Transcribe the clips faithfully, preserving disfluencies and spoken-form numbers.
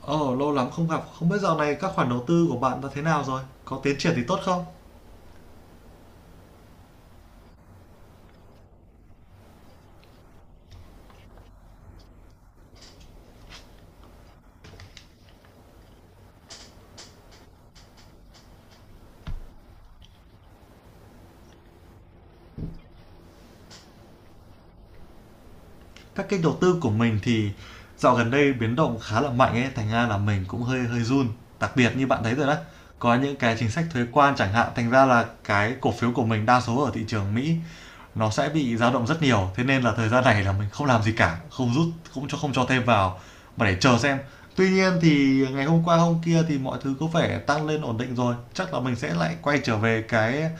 Ồ, lâu lắm không gặp, không biết dạo này các khoản đầu tư của bạn đã thế nào rồi? Có tiến triển thì tốt không? Các kênh đầu tư của mình thì dạo gần đây biến động khá là mạnh ấy, thành ra là mình cũng hơi hơi run. Đặc biệt như bạn thấy rồi đó, có những cái chính sách thuế quan chẳng hạn, thành ra là cái cổ phiếu của mình đa số ở thị trường Mỹ nó sẽ bị dao động rất nhiều. Thế nên là thời gian này là mình không làm gì cả, không rút, không cho không cho thêm vào mà để chờ xem. Tuy nhiên thì ngày hôm qua hôm kia thì mọi thứ có vẻ tăng lên ổn định rồi, chắc là mình sẽ lại quay trở về cái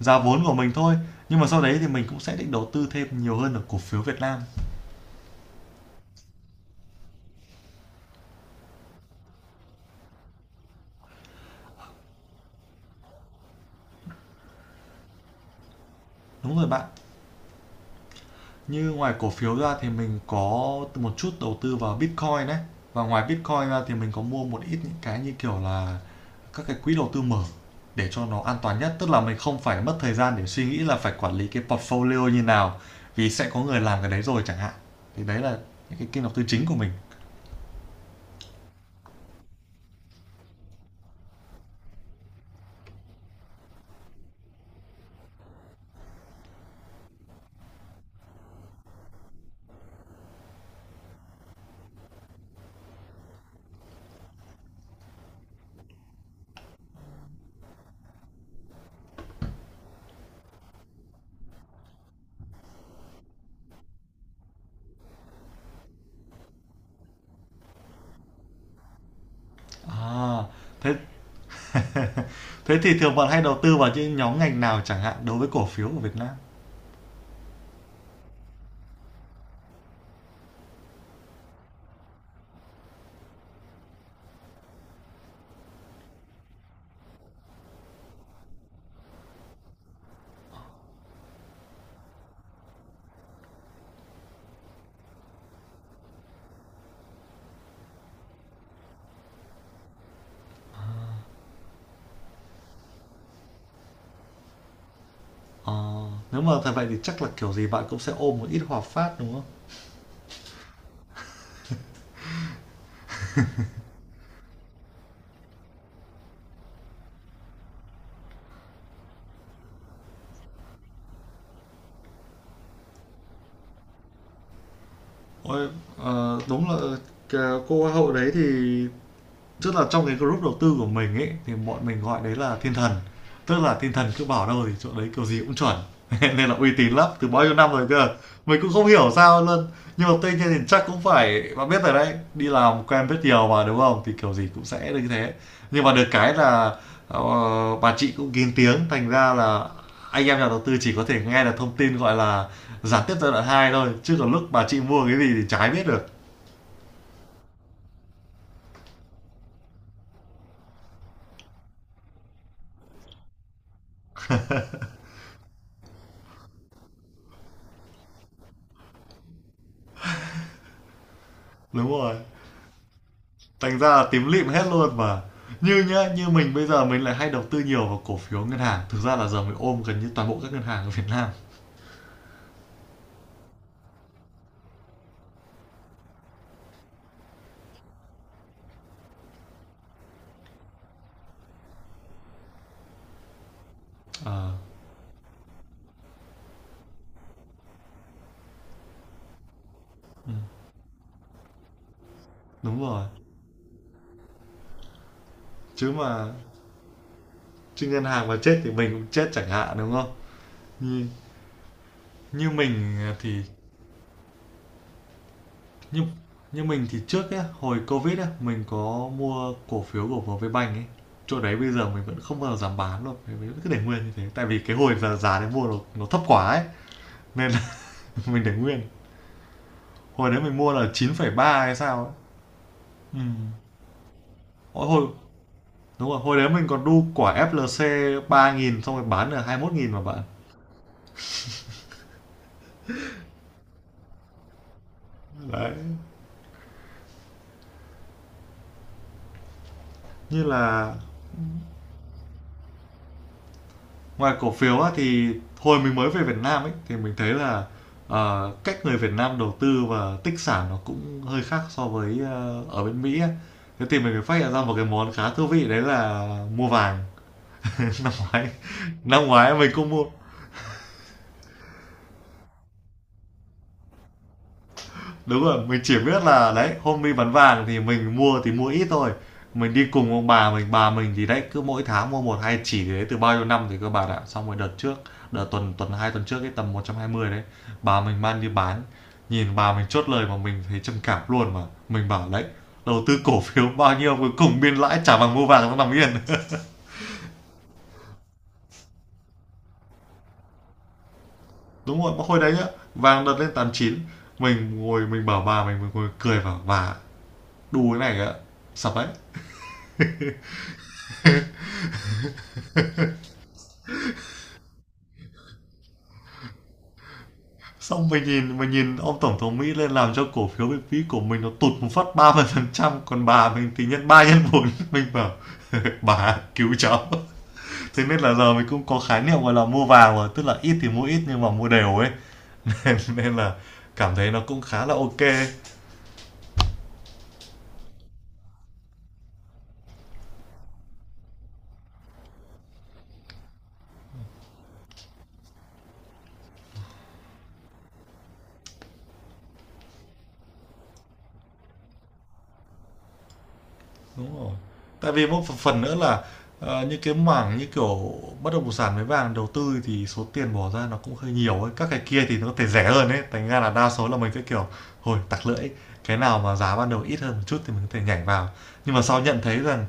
giá vốn của mình thôi. Nhưng mà sau đấy thì mình cũng sẽ định đầu tư thêm nhiều hơn ở cổ phiếu Việt Nam. Đúng rồi bạn. Như ngoài cổ phiếu ra thì mình có một chút đầu tư vào Bitcoin đấy. Và ngoài Bitcoin ra thì mình có mua một ít những cái như kiểu là các cái quỹ đầu tư mở để cho nó an toàn nhất. Tức là mình không phải mất thời gian để suy nghĩ là phải quản lý cái portfolio như nào, vì sẽ có người làm cái đấy rồi chẳng hạn. Thì đấy là những cái kênh đầu tư chính của mình. À, thế thế thì thường bạn hay đầu tư vào những nhóm ngành nào chẳng hạn đối với cổ phiếu của Việt Nam? Ờ, nếu mà thật vậy thì chắc là kiểu gì bạn cũng sẽ ôm một ít Hòa Phát, đúng không? Ôi, ờ, đúng là cái cô hoa hậu đấy thì tức là trong cái group đầu tư của mình ấy thì bọn mình gọi đấy là thiên thần, tức là thiên thần cứ bảo đâu thì chỗ đấy kiểu gì cũng chuẩn nên là uy tín lắm từ bao nhiêu năm rồi cơ. Mình cũng không hiểu sao luôn. Nhưng mà tuy nhiên thì chắc cũng phải bạn biết rồi đấy, đi làm quen biết nhiều mà đúng không thì kiểu gì cũng sẽ được như thế. Nhưng mà được cái là ờ, bà chị cũng kín tiếng, thành ra là anh em nhà đầu tư chỉ có thể nghe được thông tin gọi là gián tiếp giai đoạn hai thôi, chứ còn lúc bà chị mua cái gì thì chả ai biết được. Đúng rồi, thành ra là tím lịm hết luôn mà. Như nhá, như mình bây giờ mình lại hay đầu tư nhiều vào cổ phiếu ngân hàng, thực ra là giờ mình ôm gần như toàn bộ các ngân hàng ở Việt Nam. ờ Đúng rồi. chứ mà chứ ngân hàng mà chết thì mình cũng chết chẳng hạn đúng không? Như, như mình thì như như mình thì trước ấy, hồi covid ấy, mình có mua cổ phiếu của VPBank ấy, chỗ đấy bây giờ mình vẫn không bao giờ dám bán luôn, mình cứ để nguyên như thế tại vì cái hồi giờ giá đấy mua nó, nó thấp quá ấy nên là mình để nguyên. Hồi đấy mình mua là chín phẩy ba hay sao ấy. Ừm. Ôi, hồi đúng rồi, hồi đấy mình còn đu quả ép lờ xê ba nghìn xong rồi bán được hai mươi mốt nghìn mà bạn. Đấy. Như là ngoài cổ phiếu á, thì hồi mình mới về Việt Nam ấy thì mình thấy là ờ, cách người Việt Nam đầu tư và tích sản nó cũng hơi khác so với ờ, ở bên Mỹ á. Thế thì mình mới phát hiện ra một cái món khá thú vị đấy là mua vàng. Năm ngoái năm ngoái mình cũng mua. Đúng rồi, mình chỉ biết là đấy, hôm đi bán vàng thì mình mua thì mua ít thôi. Mình đi cùng ông bà mình, bà mình thì đấy cứ mỗi tháng mua một hai chỉ thì đấy từ bao nhiêu năm thì các bạn ạ. Xong rồi đợt trước, đợt tuần tuần hai tuần trước cái tầm một trăm hai mươi đấy, bà mình mang đi bán. Nhìn bà mình chốt lời mà mình thấy trầm cảm luôn mà. Mình bảo đấy, đầu tư cổ phiếu bao nhiêu cuối cùng biên lãi trả bằng mua vàng nó nằm yên. Đúng rồi, mà hồi đấy nhá, vàng đợt lên tám chín mình ngồi mình bảo bà mình, mình ngồi cười vào bà đu cái này ạ. Sập đấy. Xong mình nhìn mình nhìn ông tổng thống Mỹ lên làm cho cổ phiếu Việt Mỹ của mình nó tụt một phát ba mươi phần trăm, còn bà mình thì nhân ba nhân bốn, mình bảo bà cứu cháu. Thế nên là giờ mình cũng có khái niệm gọi là mua vào rồi, tức là ít thì mua ít nhưng mà mua đều ấy nên, nên là cảm thấy nó cũng khá là ok. Đúng rồi. Tại vì một phần nữa là, ờ, những cái mảng như kiểu bất động sản với vàng đầu tư thì số tiền bỏ ra nó cũng hơi nhiều ấy. Các cái kia thì nó có thể rẻ hơn ấy, thành ra là đa số là mình cái kiểu, thôi tặc lưỡi, cái nào mà giá ban đầu ít hơn một chút thì mình có thể nhảy vào. Nhưng mà sau nhận thấy rằng,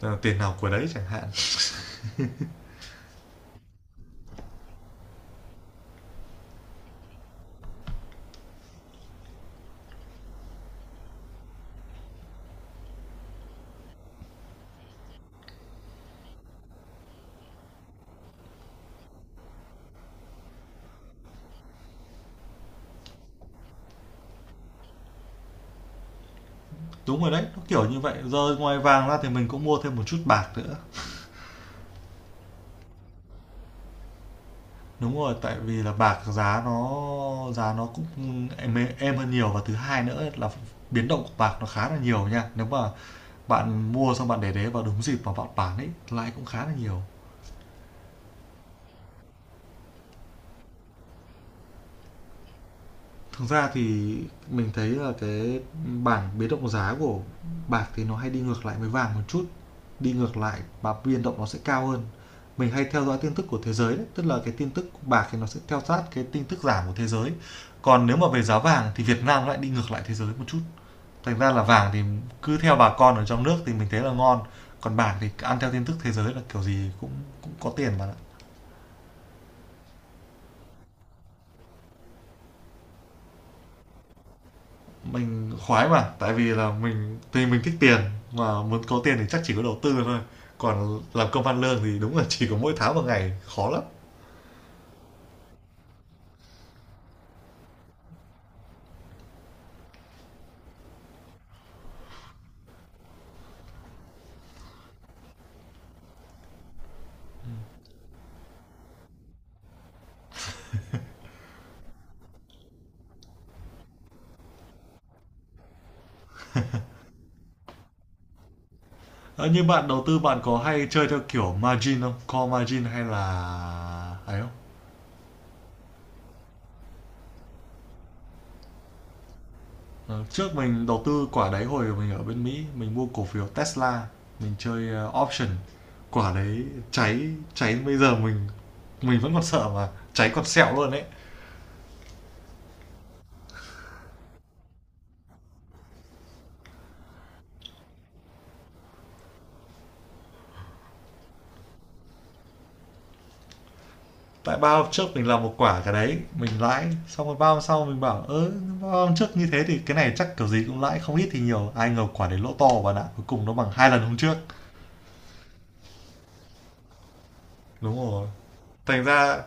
ờ, tiền nào của đấy chẳng hạn. Đúng rồi đấy, nó kiểu như vậy, giờ ngoài vàng ra thì mình cũng mua thêm một chút bạc nữa. Đúng rồi, tại vì là bạc giá nó giá nó cũng êm êm hơn nhiều và thứ hai nữa là biến động của bạc nó khá là nhiều nha. Nếu mà bạn mua xong bạn để đấy vào đúng dịp mà bạn bán ấy, lãi cũng khá là nhiều. Thực ra thì mình thấy là cái bảng biến động giá của bạc thì nó hay đi ngược lại với vàng một chút, đi ngược lại và biên động nó sẽ cao hơn. Mình hay theo dõi tin tức của thế giới đấy, tức là cái tin tức của bạc thì nó sẽ theo sát cái tin tức giảm của thế giới, còn nếu mà về giá vàng thì Việt Nam lại đi ngược lại thế giới một chút. Thành ra là vàng thì cứ theo bà con ở trong nước thì mình thấy là ngon, còn bạc thì ăn theo tin tức thế giới là kiểu gì cũng cũng có tiền mà. Mình khoái mà, tại vì là mình thì mình thích tiền, mà muốn có tiền thì chắc chỉ có đầu tư thôi, còn làm công ăn lương thì đúng là chỉ có mỗi tháng một ngày, khó lắm. Ơ, như bạn đầu tư bạn có hay chơi theo kiểu margin không? Call margin hay là ấy không? Ờ, trước mình đầu tư quả đấy hồi mình ở bên Mỹ, mình mua cổ phiếu Tesla, mình chơi, ơ, option. Quả đấy cháy, cháy bây giờ mình mình vẫn còn sợ mà, cháy còn sẹo luôn đấy. Tại ba hôm trước mình làm một quả cái đấy mình lãi, xong rồi ba hôm sau mình bảo ớ ba hôm trước như thế thì cái này chắc kiểu gì cũng lãi không ít thì nhiều, ai ngờ quả đấy lỗ to bạn ạ, cuối cùng nó bằng hai lần hôm trước. Đúng rồi, thành ra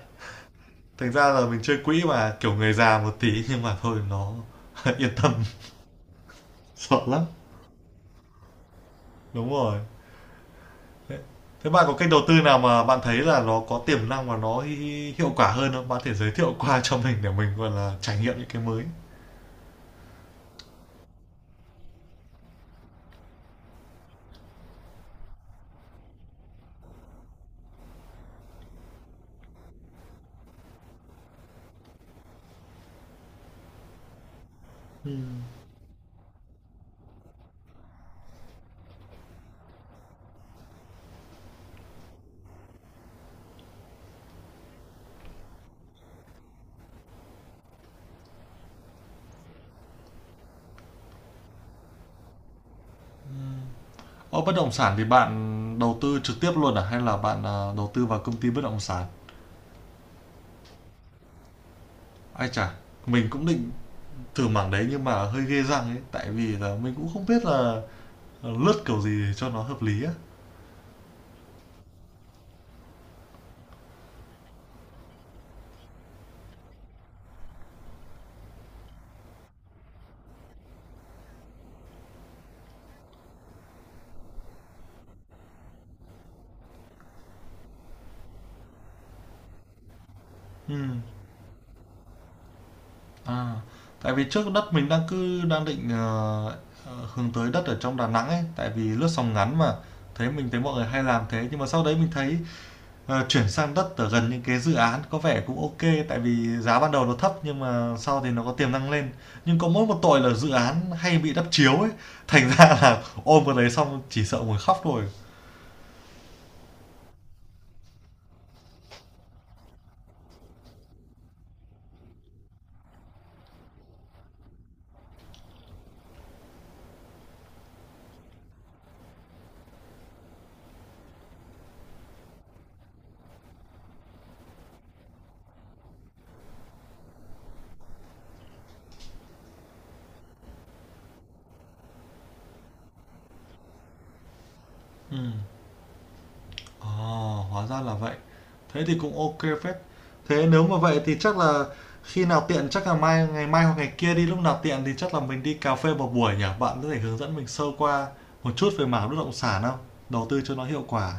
thành ra là mình chơi quỹ mà kiểu người già một tí, nhưng mà thôi nó yên tâm. Sợ lắm. Đúng rồi, thế bạn có kênh đầu tư nào mà bạn thấy là nó có tiềm năng và nó hi- hi- hiệu quả hơn không, bạn có thể giới thiệu qua cho mình để mình gọi là trải nghiệm những cái mới. Ô, bất động sản thì bạn đầu tư trực tiếp luôn à hay là bạn, à, đầu tư vào công ty bất động sản? Ai chà, mình cũng định thử mảng đấy nhưng mà hơi ghê răng ấy, tại vì là mình cũng không biết là, ờ, lướt kiểu gì cho nó hợp lý á. Ừm. À, tại vì trước đất mình đang cứ đang định, ờ, ờ, hướng tới đất ở trong Đà Nẵng ấy, tại vì lướt sóng ngắn mà, thấy mình thấy mọi người hay làm thế, nhưng mà sau đấy mình thấy, ờ, chuyển sang đất ở gần những cái dự án có vẻ cũng ok, tại vì giá ban đầu nó thấp nhưng mà sau thì nó có tiềm năng lên. Nhưng có mỗi một tội là dự án hay bị đắp chiếu ấy, thành ra là ôm vào đấy xong chỉ sợ ngồi khóc thôi. Ừm. Ờ, hóa ra là vậy. Thế thì cũng ok kê phết. Thế nếu mà vậy thì chắc là khi nào tiện chắc là mai ngày mai hoặc ngày kia đi, lúc nào tiện thì chắc là mình đi cà phê một buổi nhỉ? Bạn có thể hướng dẫn mình sơ qua một chút về mảng bất động sản không? Đầu tư cho nó hiệu quả.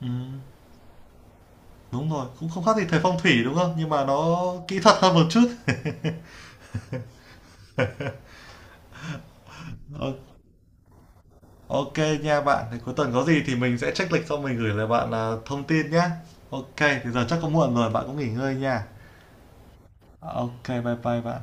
Ừm, đúng rồi, cũng không khác gì thầy phong thủy đúng không? Nhưng mà nó kỹ thuật hơn một chút. Ô- Ok nha bạn, thì cuối tuần có gì thì mình sẽ check lịch xong mình gửi lại bạn à, thông tin nhé. Ok, thì giờ chắc có muộn rồi, bạn cũng nghỉ ngơi nha. Ok, bye bye bạn.